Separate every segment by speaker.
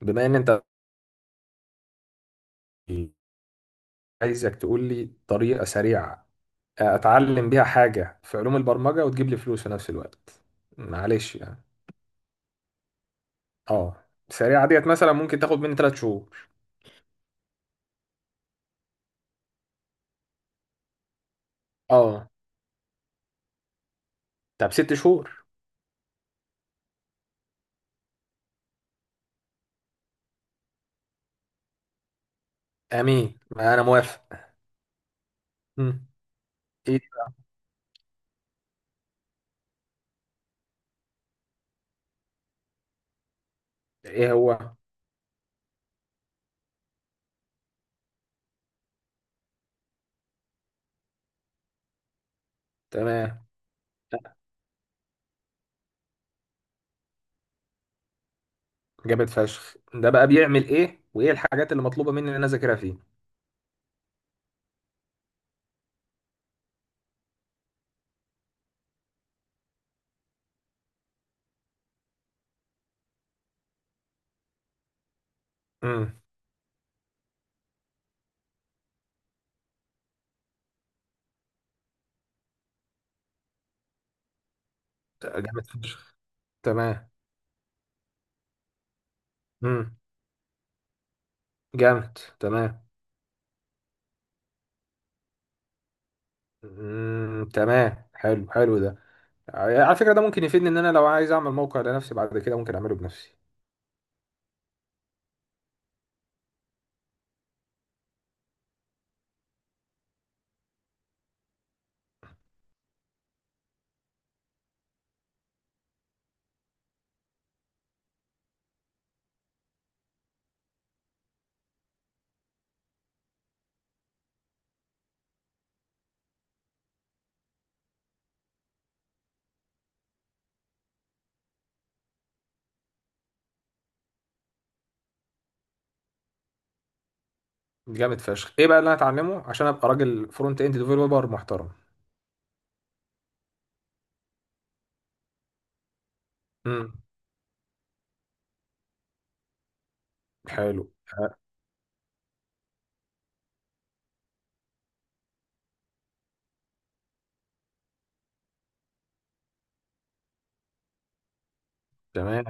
Speaker 1: بما ان انت عايزك تقول لي طريقة سريعة اتعلم بيها حاجة في علوم البرمجة وتجيب لي فلوس في نفس الوقت. معلش يعني. اه. سريعة ديت مثلا ممكن تاخد مني 3 شهور. اه. طب 6 شهور. امين ما انا موافق. مم. ايه. ايه هو؟ تمام. جامد فشخ، ده بقى بيعمل ايه وايه الحاجات اللي مطلوبة مني ان انا اذاكرها فيه؟ امم. جامد فشخ. تمام. امم. جامد. تمام. امم. تمام. حلو، حلو ده. على فكرة ده ممكن يفيدني ان انا لو عايز اعمل موقع لنفسي بعد كده، ممكن اعمله بنفسي. جامد فشخ. ايه بقى اللي انا اتعلمه عشان ابقى راجل فرونت اند ديفلوبر محترم؟ امم. حلو. آه، تمام.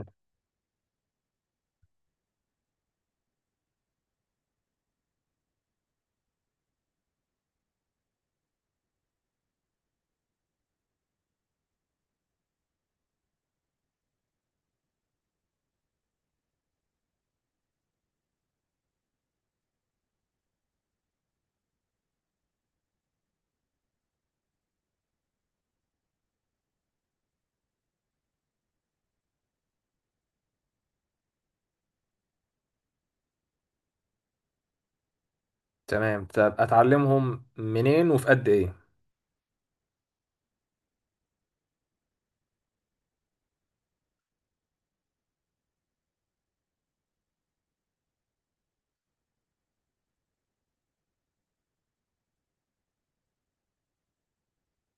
Speaker 1: تمام. طب اتعلمهم منين وفي قد ايه؟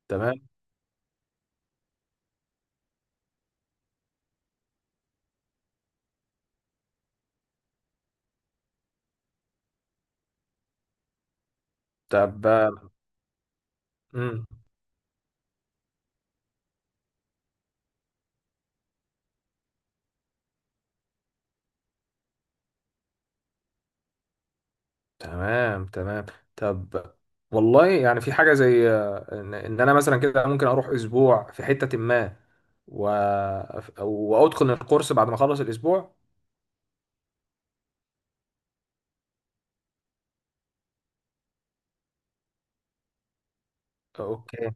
Speaker 1: تمام. طب. امم. تمام. تمام. طب. والله يعني، في حاجة زي آه، ان إن انا مثلا كده ممكن اروح اسبوع في حتة ما و... وادخل الكورس بعد ما اخلص الاسبوع. اوكي.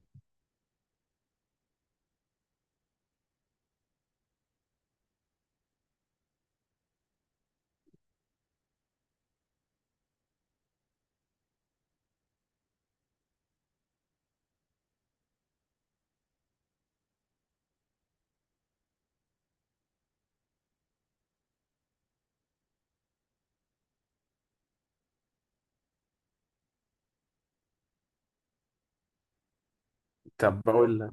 Speaker 1: طب بقول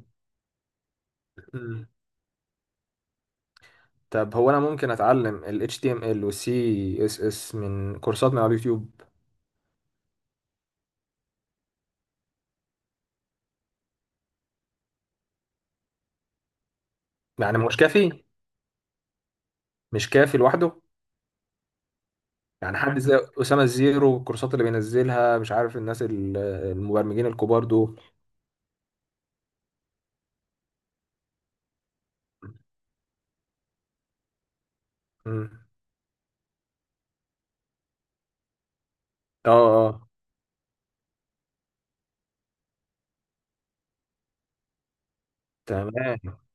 Speaker 1: لك. طب هو انا ممكن اتعلم ال HTML وال CSS من كورسات من على اليوتيوب؟ يعني مش كافي؟ مش كافي لوحده. يعني حد زي أسامة الزيرو والكورسات اللي بينزلها مش عارف الناس المبرمجين الكبار دول. مم. اه. اه. تمام.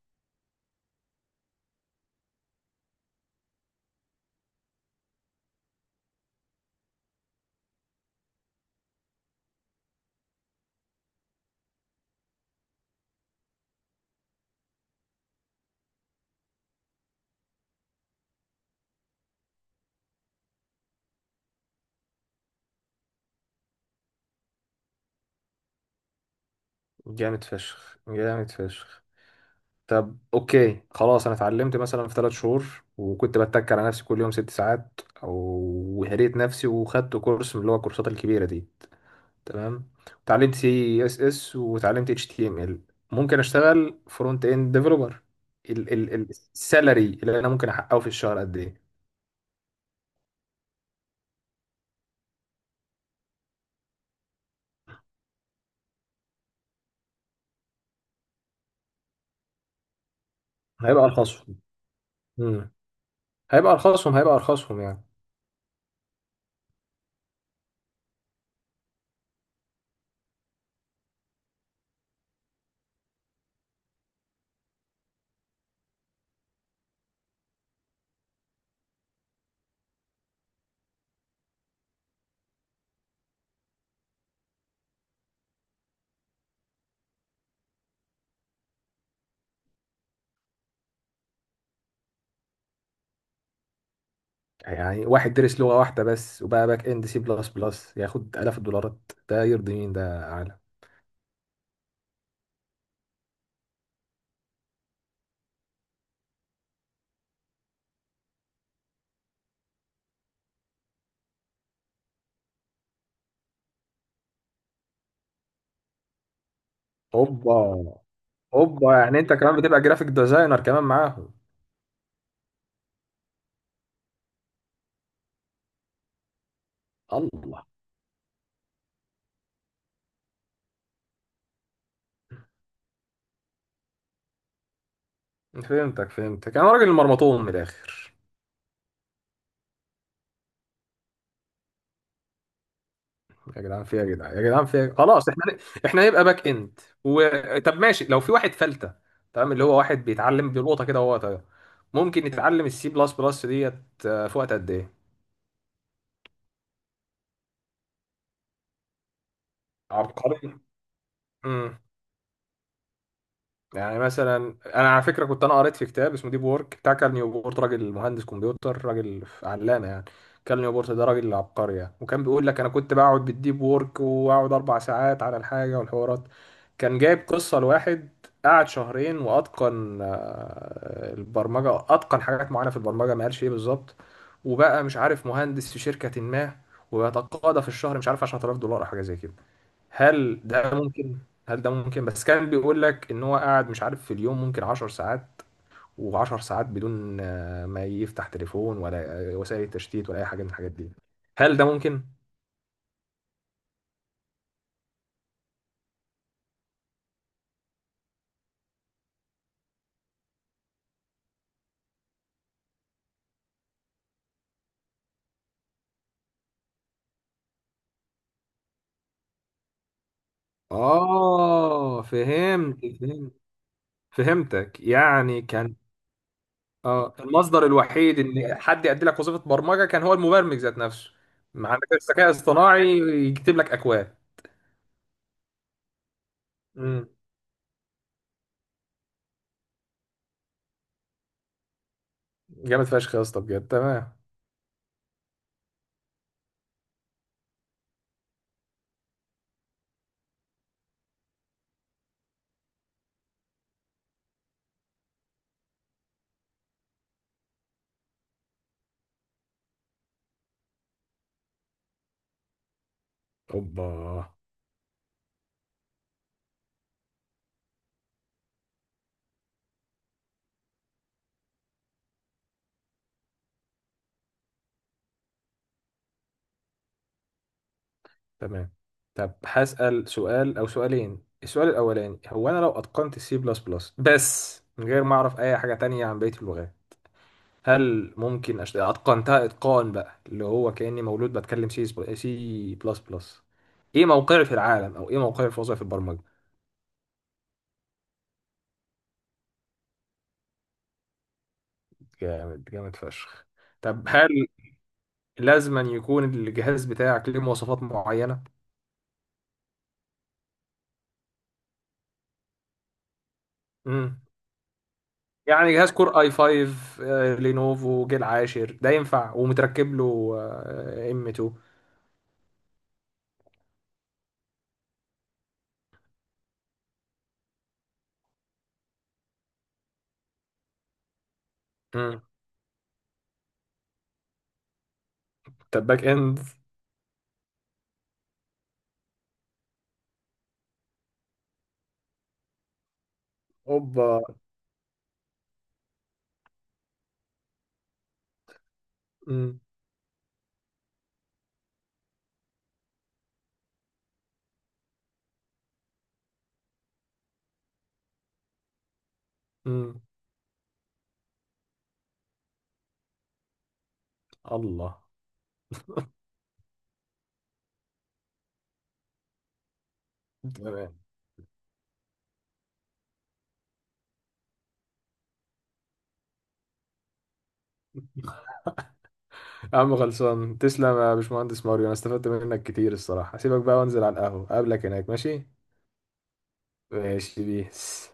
Speaker 1: جامد فشخ، جامد فشخ. طب اوكي خلاص، انا اتعلمت مثلا في 3 شهور وكنت بتك على نفسي كل يوم 6 ساعات وهريت نفسي وخدت كورس من اللي هو الكورسات الكبيره دي. تمام. وتعلمت سي اس اس وتعلمت اتش تي ام ال. ممكن اشتغل فرونت اند ديفلوبر؟ السالري اللي انا ممكن احققه في الشهر قد ايه؟ هيبقى ارخصهم. امم. هيبقى ارخصهم، هيبقى ارخصهم يعني. يعني واحد درس لغة واحدة بس وبقى باك اند سي بلس بلس ياخد آلاف الدولارات، ده يرضي مين ده يا عالم؟ اوبا. اوبا، يعني انت كمان بتبقى جرافيك ديزاينر كمان معاهم؟ الله. فهمتك، فهمتك. انا راجل مرمطون من الاخر. يا جدعان فيها، يا جدعان، يا جدعان فيها، خلاص احنا. احنا هنبقى باك اند طب ماشي، لو في واحد فلتة، تمام، اللي هو واحد بيتعلم بيلقطها كده وهو طاير، ممكن يتعلم السي بلس بلس ديت في وقت قد ايه؟ عبقري. امم. يعني مثلا انا على فكره، كنت انا قريت في كتاب اسمه ديب وورك بتاع كال نيوبورت، راجل مهندس كمبيوتر، راجل علامه يعني. كال نيوبورت ده راجل عبقري يعني. وكان بيقول لك انا كنت بقعد بالديب وورك واقعد 4 ساعات على الحاجه والحوارات. كان جايب قصه لواحد، قعد شهرين واتقن البرمجه، اتقن حاجات معينه في البرمجه ما قالش ايه بالظبط، وبقى مش عارف مهندس في شركه ما ويتقاضى في الشهر مش عارف 10,000 دولار او حاجه زي كده. هل ده ممكن؟ هل ده ممكن؟ بس كان بيقول لك ان هو قاعد مش عارف في اليوم ممكن 10 ساعات، و10 ساعات بدون ما يفتح تليفون ولا وسائل تشتيت ولا اي حاجه من الحاجات دي. هل ده ممكن؟ اه، فهمت، فهمت. فهمتك يعني كان. اه، المصدر الوحيد ان حد يأدي لك وظيفه برمجه كان هو المبرمج ذات نفسه. ما عندك الذكاء الاصطناعي يكتب لك اكواد. امم. جامد فشخ يا اسطى، بجد تمام. اوبا. تمام. طب هسأل سؤال أو سؤالين. السؤال الأولاني هو أنا لو أتقنت السي بلس بلس بس من غير ما أعرف أي حاجة تانية عن بقية اللغات، هل ممكن أتقنتها إتقان بقى اللي هو كأني مولود بتكلم سي، سي بلس بلس؟ إيه موقعي في العالم أو إيه موقعي في وظائف البرمجة؟ جامد، جامد فشخ. طب هل لازما يكون الجهاز بتاعك ليه مواصفات معينة؟ مم. يعني جهاز كور اي 5 لينوفو جيل عاشر ده ينفع ومتركب له ام 2؟ امم. طب باك اند؟ اوبا. امم. امم. الله. تمام. يا عم خلصان، تسلم يا باشمهندس ماريو، انا استفدت منك كتير الصراحة. هسيبك بقى وانزل على القهوة، اقابلك هناك ماشي؟ ماشي بيس.